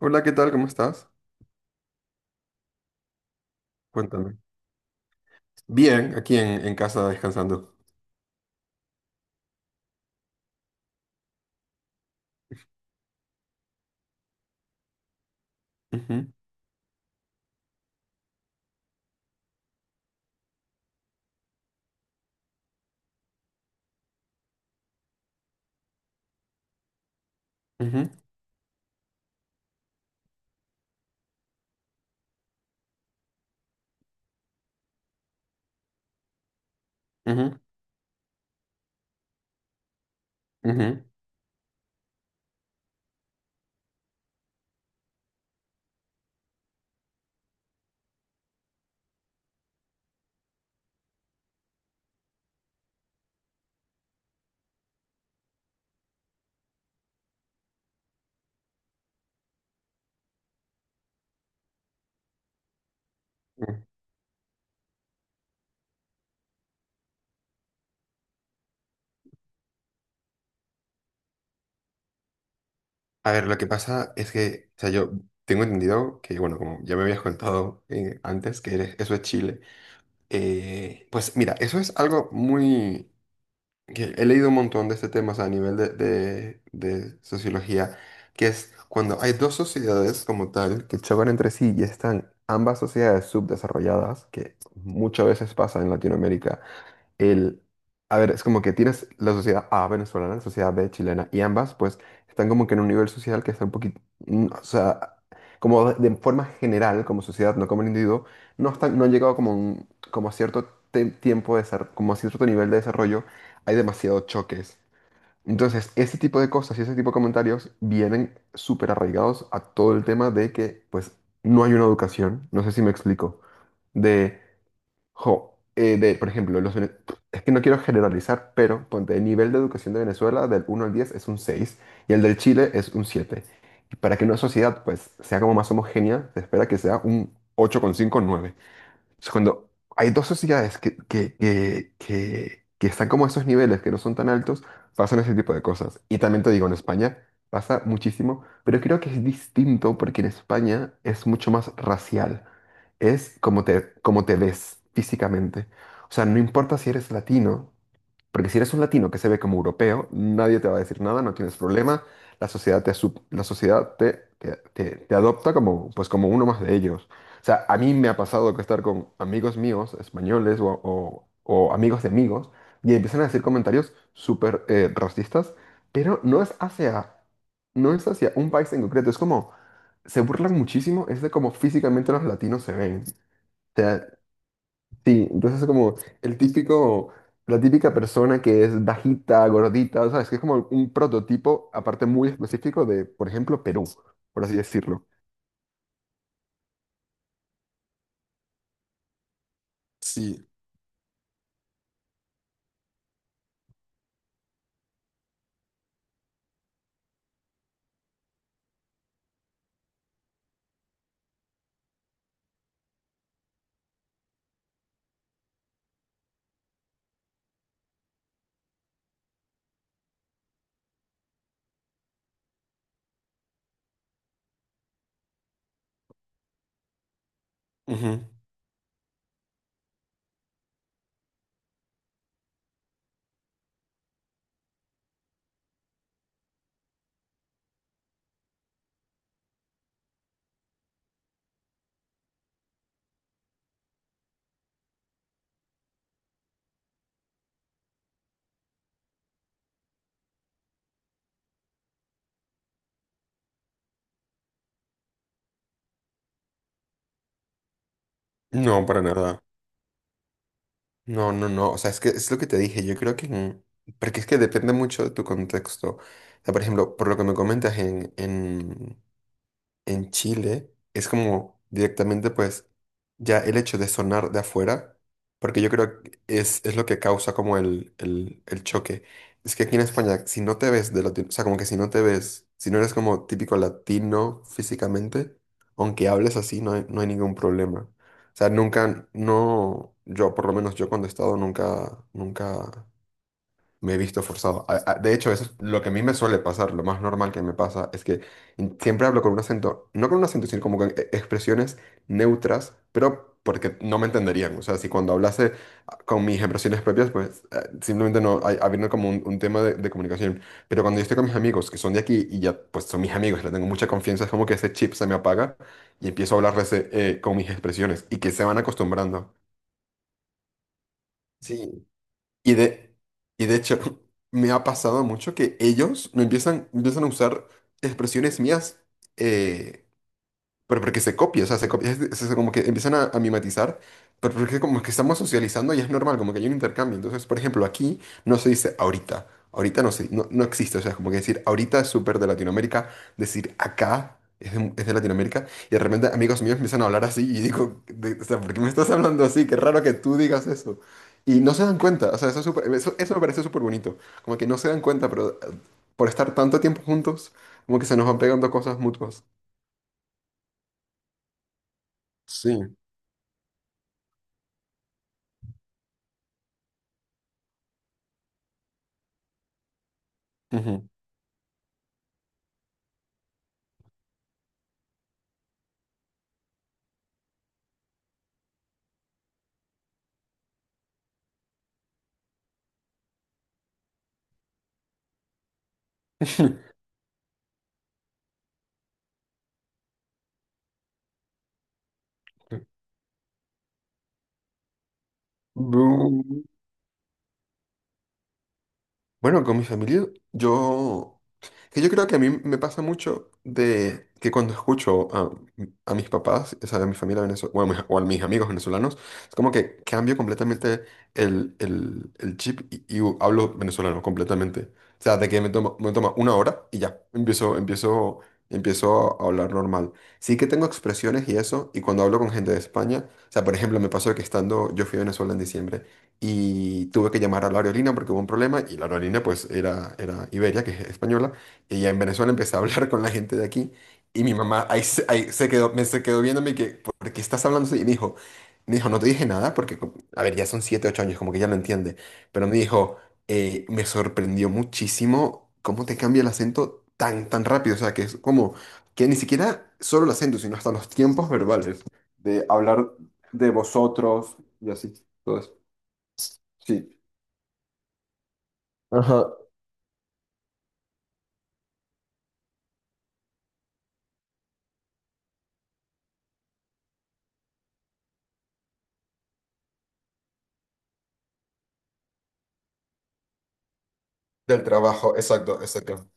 Hola, ¿qué tal? ¿Cómo estás? Cuéntame. Bien, aquí en casa descansando. Ujú, ujú, ujú, ujú, ujú. A ver, lo que pasa es que, o sea, yo tengo entendido que, bueno, como ya me habías contado antes, que eso es Chile. Pues mira, eso es algo muy, que he leído un montón de este tema, o sea, a nivel de sociología, que es cuando hay dos sociedades como tal que chocan entre sí y están ambas sociedades subdesarrolladas, que muchas veces pasa en Latinoamérica el, a ver, es como que tienes la sociedad A venezolana, la sociedad B chilena, y ambas pues están como que en un nivel social que está un poquito, o sea, como de forma general, como sociedad, no como el individuo, no están, no han llegado como, un, como a cierto tiempo de como a cierto nivel de desarrollo, hay demasiados choques. Entonces, ese tipo de cosas y ese tipo de comentarios vienen súper arraigados a todo el tema de que, pues, no hay una educación, no sé si me explico, de Jo, de, por ejemplo, es que no quiero generalizar, pero ponte, el nivel de educación de Venezuela del 1 al 10 es un 6 y el del Chile es un 7. Y para que una sociedad pues sea como más homogénea, se espera que sea un 8,5 cinco nueve. Entonces, cuando hay dos sociedades que están como a esos niveles, que no son tan altos, pasan ese tipo de cosas. Y también te digo, en España pasa muchísimo, pero creo que es distinto porque en España es mucho más racial. Es como te ves físicamente. O sea, no importa si eres latino. Porque si eres un latino que se ve como europeo, nadie te va a decir nada, no tienes problema, la sociedad te adopta como, pues como uno más de ellos. O sea, a mí me ha pasado que estar con amigos míos, españoles o amigos de amigos, y empiezan a decir comentarios súper racistas, pero no es hacia un país en concreto, es como, se burlan muchísimo, es de cómo físicamente los latinos se ven. Sí, entonces es como el típico, la típica persona que es bajita, gordita, ¿sabes? Que es como un prototipo, aparte muy específico de, por ejemplo, Perú, por así decirlo. Sí. Ujú. No, para nada. No, no, no. O sea, es que es lo que te dije. Yo creo que. Porque es que depende mucho de tu contexto. O sea, por ejemplo, por lo que me comentas en Chile es como directamente pues ya el hecho de sonar de afuera, porque yo creo que es lo que causa como el choque. Es que aquí en España, si no te ves de latino, o sea, como que si no te ves, si no eres como típico latino físicamente, aunque hables así, no hay ningún problema. O sea, nunca, no, yo, por lo menos yo cuando he estado, nunca, nunca me he visto forzado. De hecho, eso es lo que a mí me suele pasar, lo más normal que me pasa es que siempre hablo con un acento, no con un acento, sino como con expresiones neutras, pero porque no me entenderían. O sea, si cuando hablase con mis expresiones propias, pues simplemente no, hay, habiendo como un tema de comunicación. Pero cuando yo estoy con mis amigos, que son de aquí y ya, pues son mis amigos, les tengo mucha confianza, es como que ese chip se me apaga y empiezo a hablarles con mis expresiones y que se van acostumbrando. Sí, y de, y de hecho, me ha pasado mucho que ellos me empiezan a usar expresiones mías, eh, pero porque se copia, o sea, se copia, es como que empiezan a mimetizar, pero porque como que estamos socializando y es normal, como que hay un intercambio. Entonces, por ejemplo, aquí no se dice ahorita, ahorita no, se, no, no existe, o sea, es como que decir ahorita es súper de Latinoamérica, decir acá es de Latinoamérica, y de repente amigos míos empiezan a hablar así y digo, o sea, ¿por qué me estás hablando así? Qué raro que tú digas eso. Y no se dan cuenta, o sea, eso me parece súper bonito, como que no se dan cuenta, pero por estar tanto tiempo juntos, como que se nos van pegando cosas mutuas. Sí. Ujú. Bu- Bueno, con mi familia, yo Que yo creo que a mí me pasa mucho de que cuando escucho a mis papás, o sea, a mi familia venezolana, o a mis amigos venezolanos, es como que cambio completamente el chip y, y hablo venezolano completamente. O sea, de que me toma una hora y ya, empiezo a hablar normal. Sí que tengo expresiones y eso, y cuando hablo con gente de España, o sea, por ejemplo, me pasó que estando, yo fui a Venezuela en diciembre y tuve que llamar a la aerolínea porque hubo un problema y la aerolínea pues era Iberia, que es española. Y ya en Venezuela empecé a hablar con la gente de aquí y mi mamá ahí se quedó, me se quedó viéndome que, ¿por qué estás hablando así? Y me dijo, no te dije nada porque, a ver, ya son 7, 8 años, como que ya lo entiende, pero me dijo, me sorprendió muchísimo cómo te cambia el acento tan, tan rápido, o sea, que es como que ni siquiera solo el acento, sino hasta los tiempos verbales, de hablar de vosotros y así, todo eso. Sí. Ajá. Del trabajo, exacto, exacto.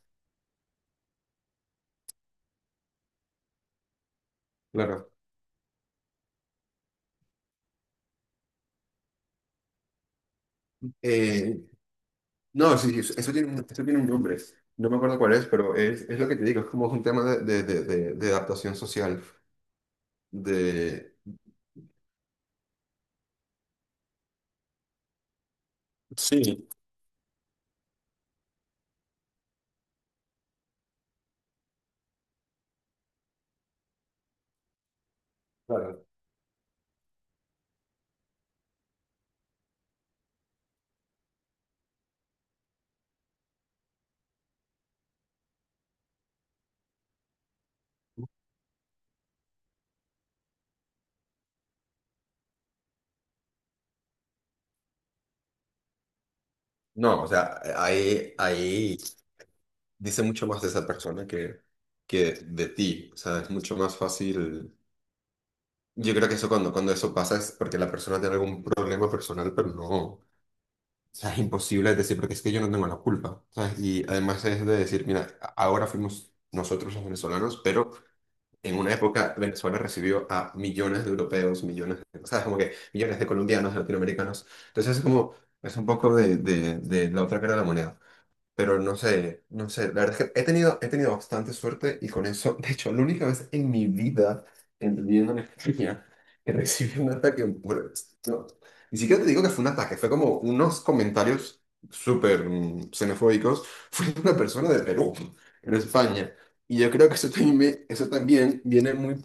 Claro. No, sí, sí, eso tiene un nombre. No me acuerdo cuál es, pero es lo que te digo, es como un tema de adaptación social. De... Sí, claro. No, o sea, ahí dice mucho más de esa persona que de ti. O sea, es mucho más fácil. Yo creo que eso cuando eso pasa es porque la persona tiene algún problema personal, pero no. O sea, es imposible decir, porque es que yo no tengo la culpa. ¿Sabes? Y además es de decir, mira, ahora fuimos nosotros los venezolanos, pero. En una época, Venezuela recibió a millones de europeos, millones de, o sea, como que millones de colombianos, de latinoamericanos. Entonces, es como, es un poco de la otra cara de la moneda. Pero no sé, no sé, la verdad es que he tenido bastante suerte y con eso, de hecho, la única vez en mi vida, en viviendo en España, que recibí un ataque por esto. Ni siquiera te digo que fue un ataque, fue como unos comentarios súper xenofóbicos. Fue de una persona de Perú, en España. Y yo creo que eso también viene muy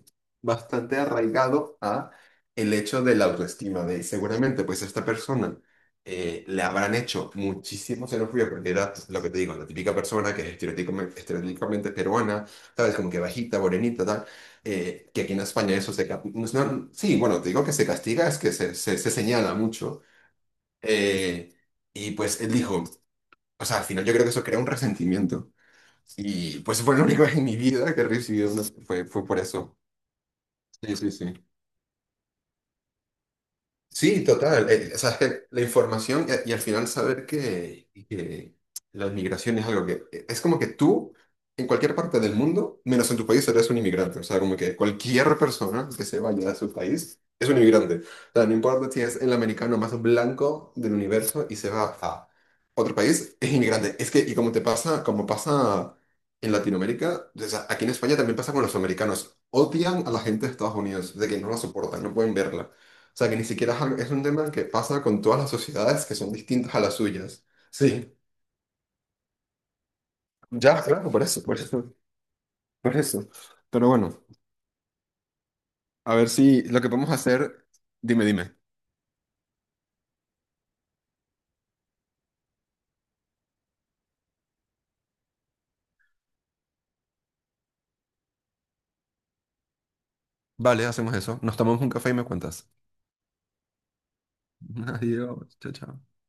bastante arraigado a el hecho de la autoestima, de seguramente pues esta persona le habrán hecho muchísimo xenofobia, porque era lo que te digo, la típica persona que es estereotípicamente peruana, ¿sabes? Como que bajita, morenita, tal. Que aquí en España eso se... ca- no no- sí, bueno, te digo que se castiga, es que se señala mucho. eh, y pues él dijo, o sea, al final yo creo que eso crea un resentimiento. Y pues fue lo único en mi vida que he recibido, fue por eso. Sí, sí, sí. Sí, total. O sea, es que la información, y, al final saber que, la inmigración es algo que, es como que tú, en cualquier parte del mundo, menos en tu país, eres un inmigrante. O sea, como que cualquier persona que se vaya a su país es un inmigrante. O sea, no importa si es el americano más blanco del universo y se va a otro país, es inmigrante. Es que, y como te pasa, como pasa en Latinoamérica, o sea, aquí en España también pasa con los americanos. Odian a la gente de Estados Unidos, de que no la soportan, no pueden verla. O sea, que ni siquiera es un tema que pasa con todas las sociedades que son distintas a las suyas. Sí, ya, claro, por eso, por eso, por eso. Pero bueno, a ver si lo que podemos hacer, dime, dime. Vale, hacemos eso. Nos tomamos un café y me cuentas. Adiós, chao, chao.